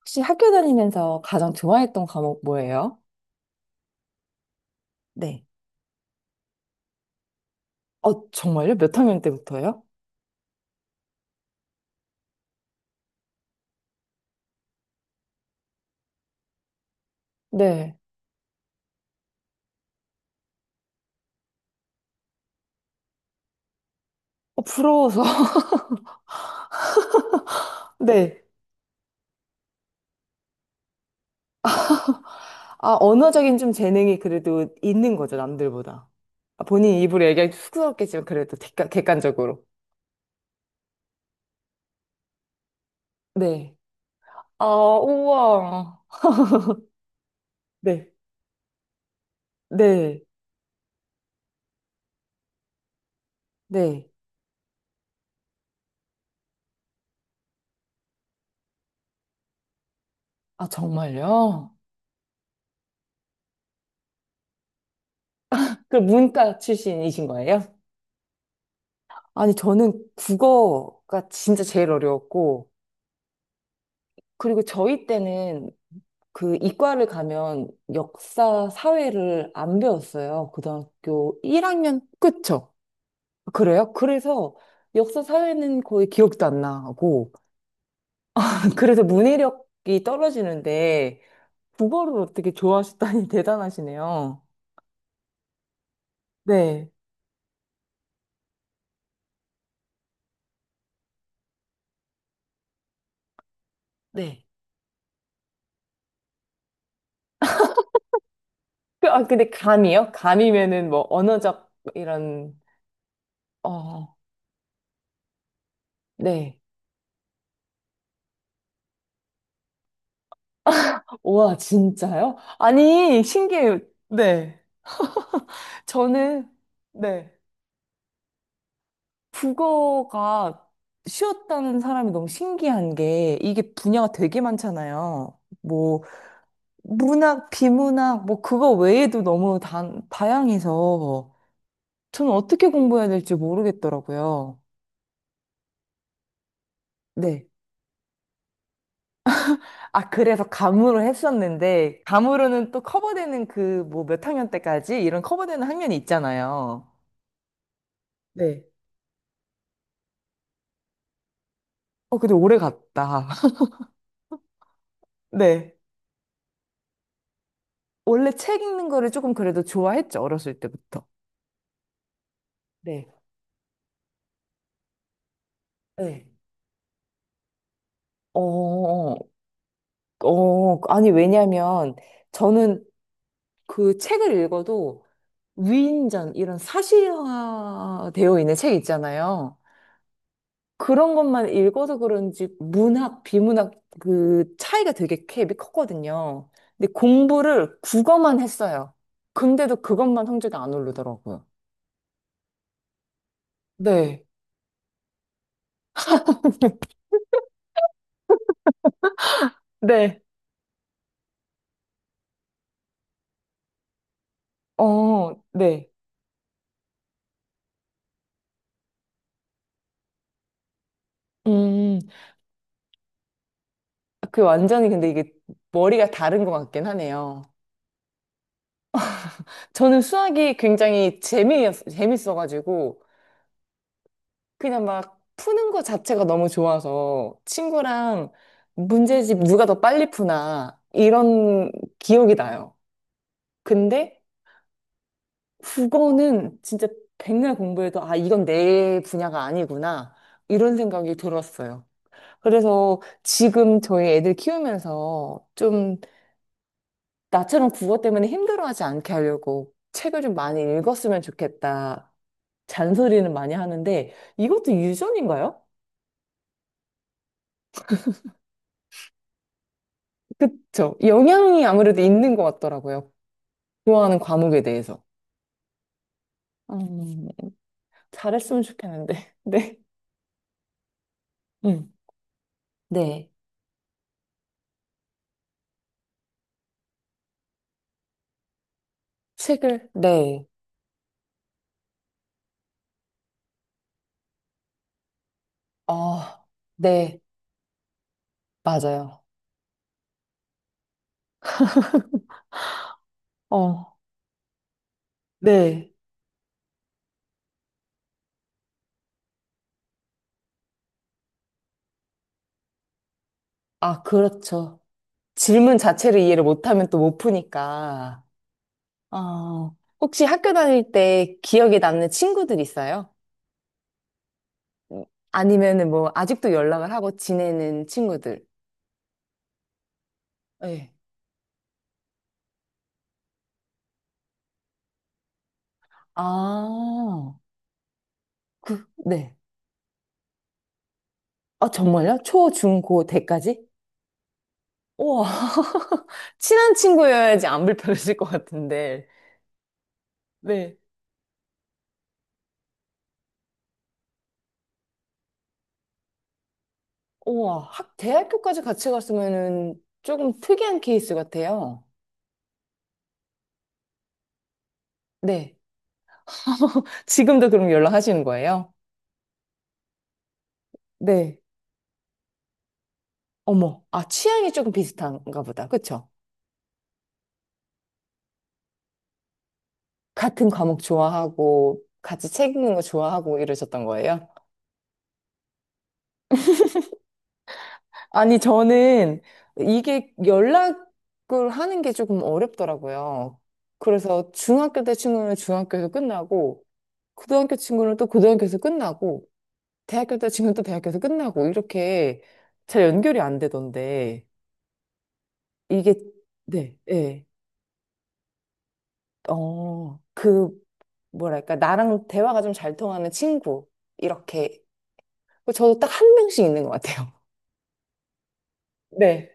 혹시 학교 다니면서 가장 좋아했던 과목 뭐예요? 네. 어, 정말요? 몇 학년 때부터요? 네. 어, 부러워서. 네. 아, 언어적인 좀 재능이 그래도 있는 거죠, 남들보다. 아, 본인 입으로 얘기하기 쑥스럽겠지만 그래도 객관적으로. 네. 아, 우와. 네. 네. 네. 아, 정말요? 그럼 문과 출신이신 거예요? 아니, 저는 국어가 진짜 제일 어려웠고, 그리고 저희 때는 그 이과를 가면 역사, 사회를 안 배웠어요. 고등학교 1학년 끝죠? 그래요? 그래서 역사, 사회는 거의 기억도 안 나고 그래서 문해력이 떨어지는데 국어를 어떻게 좋아하시다니 대단하시네요. 네. 네. 아, 근데 감이요? 감이면은 뭐 언어적 이런 어, 네. 와, 진짜요? 아니, 신기해요. 네. 저는 네. 국어가 쉬웠다는 사람이 너무 신기한 게 이게 분야가 되게 많잖아요. 뭐 문학, 비문학, 뭐 그거 외에도 너무 다양해서 저는 어떻게 공부해야 될지 모르겠더라고요. 네. 아, 그래서 감으로 했었는데 감으로는 또 커버되는 그 뭐 몇 학년 때까지 이런 커버되는 학년이 있잖아요. 네. 어, 근데 오래 갔다. 네. 원래 책 읽는 거를 조금 그래도 좋아했죠, 어렸을 때부터. 네. 네. 어, 어, 어. 아니, 왜냐면 저는 그 책을 읽어도 위인전 이런 사실화 되어 있는 책 있잖아요. 그런 것만 읽어서 그런지 문학, 비문학 그 차이가 되게 갭이 컸거든요. 근데 공부를 국어만 했어요. 근데도 그것만 성적이 안 오르더라고요. 네. 네. 어, 네. 음, 그 완전히 근데 이게 머리가 다른 것 같긴 하네요. 저는 수학이 굉장히 재밌어가지고, 그냥 막 푸는 거 자체가 너무 좋아서, 친구랑 문제집 누가 더 빨리 푸나, 이런 기억이 나요. 근데 국어는 진짜 백날 공부해도, 아, 이건 내 분야가 아니구나, 이런 생각이 들었어요. 그래서 지금 저희 애들 키우면서 좀 나처럼 국어 때문에 힘들어하지 않게 하려고 책을 좀 많이 읽었으면 좋겠다. 잔소리는 많이 하는데 이것도 유전인가요? 그쵸. 영향이 아무래도 있는 것 같더라고요. 좋아하는 과목에 대해서. 음, 잘했으면 좋겠는데. 네. 음, 네. 책을, 네. 아, 네. 맞아요. 어, 네. 아, 그렇죠. 질문 자체를 이해를 못하면 또 못 푸니까. 아, 혹시 학교 다닐 때 기억에 남는 친구들 있어요? 아니면은 뭐 아직도 연락을 하고 지내는 친구들. 네 아, 그, 네. 아, 정말요? 초, 중, 고, 대까지? 우와. 친한 친구여야지 안 불편해질 것 같은데. 네. 우와. 학, 대학교까지 같이 갔으면은 조금 특이한 케이스 같아요. 네. 지금도 그럼 연락하시는 거예요? 네. 어머. 아, 취향이 조금 비슷한가 보다. 그쵸? 같은 과목 좋아하고, 같이 책 읽는 거 좋아하고 이러셨던 거예요? 아니, 저는 이게 연락을 하는 게 조금 어렵더라고요. 그래서 중학교 때 친구는 중학교에서 끝나고, 고등학교 친구는 또 고등학교에서 끝나고, 대학교 때 친구는 또 대학교에서 끝나고, 이렇게 잘 연결이 안 되던데, 이게, 네, 예. 어, 그, 뭐랄까, 나랑 대화가 좀 잘 통하는 친구, 이렇게. 뭐 저도 딱 한 명씩 있는 것 같아요. 네.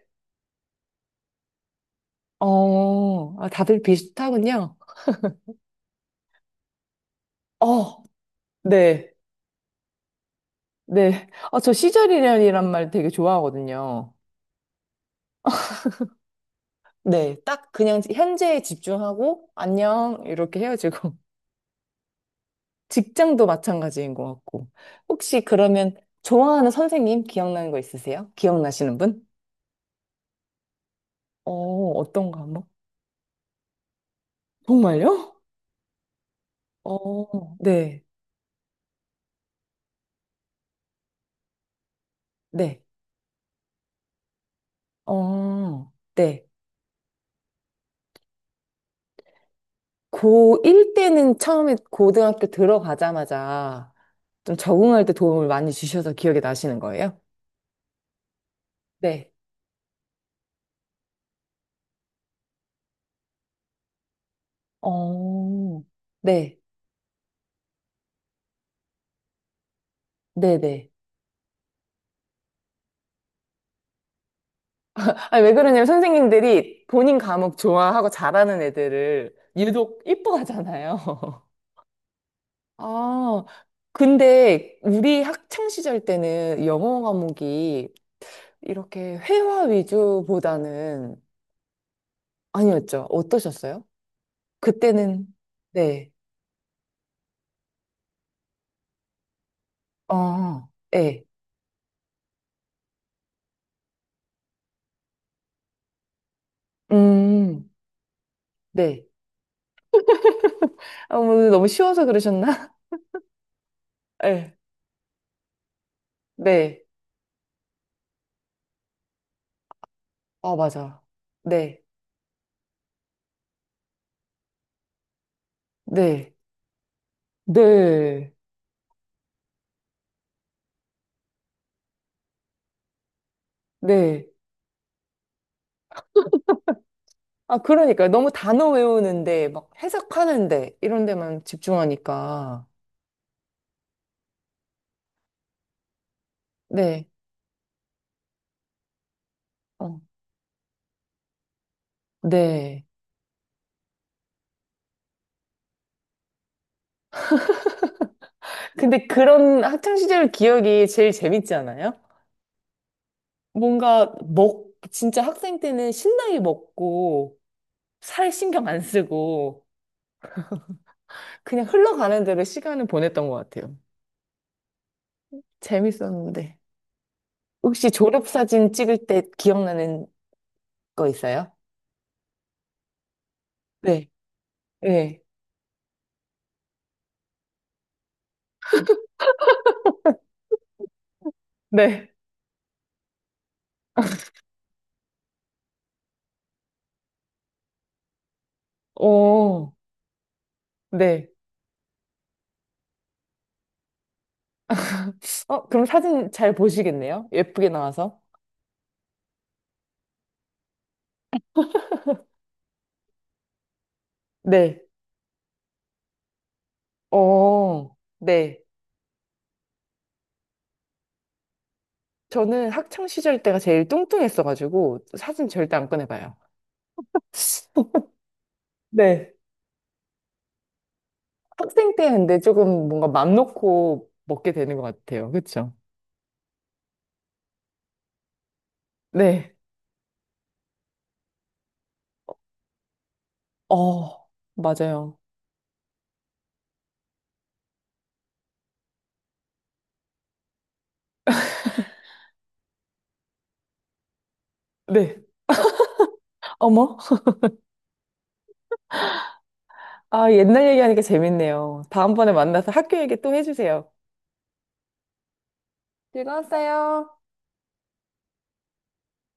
어, 아, 다들 비슷하군요. 어, 네. 네. 아, 저 시절이란이란 말 되게 좋아하거든요. 네. 딱 그냥 현재에 집중하고, 안녕, 이렇게 헤어지고. 직장도 마찬가지인 것 같고. 혹시 그러면 좋아하는 선생님 기억나는 거 있으세요? 기억나시는 분? 어, 어떤 거 한번? 정말요? 어, 네. 네. 어, 네. 고1 때는 처음에 고등학교 들어가자마자 좀 적응할 때 도움을 많이 주셔서 기억이 나시는 거예요? 네. 어, 네, 네네. 아니, 왜 그러냐면 선생님들이 본인 과목 좋아하고 잘하는 애들을 유독 이뻐하잖아요. 아, 근데 우리 학창 시절 때는 영어 과목이 이렇게 회화 위주보다는 아니었죠. 어떠셨어요? 그때는 네. 어. 네. 음. 네. 아, 뭐 너무 쉬워서 그러셨나? 네. 네. 아, 맞아. 네. 네. 네, 네. 아, 그러니까 너무 단어 외우는데, 막 해석하는데, 이런 데만 집중하니까. 네, 어, 네. 근데 그런 학창시절 기억이 제일 재밌지 않아요? 뭔가 진짜 학생 때는 신나게 먹고, 살 신경 안 쓰고, 그냥 흘러가는 대로 시간을 보냈던 것 같아요. 재밌었는데. 혹시 졸업사진 찍을 때 기억나는 거 있어요? 네, 네, 네. 오, 네. 어, 그럼 사진 잘 보시겠네요? 예쁘게 나와서? 네. 어, 네. 저는 학창 시절 때가 제일 뚱뚱했어가지고 사진 절대 안 꺼내봐요. 네. 학생 때 근데 조금 뭔가 맘 놓고 먹게 되는 것 같아요. 그쵸? 네. 어, 맞아요. 네. 어머. 아, 옛날 얘기하니까 재밌네요. 다음번에 만나서 학교 얘기 또 해주세요. 즐거웠어요.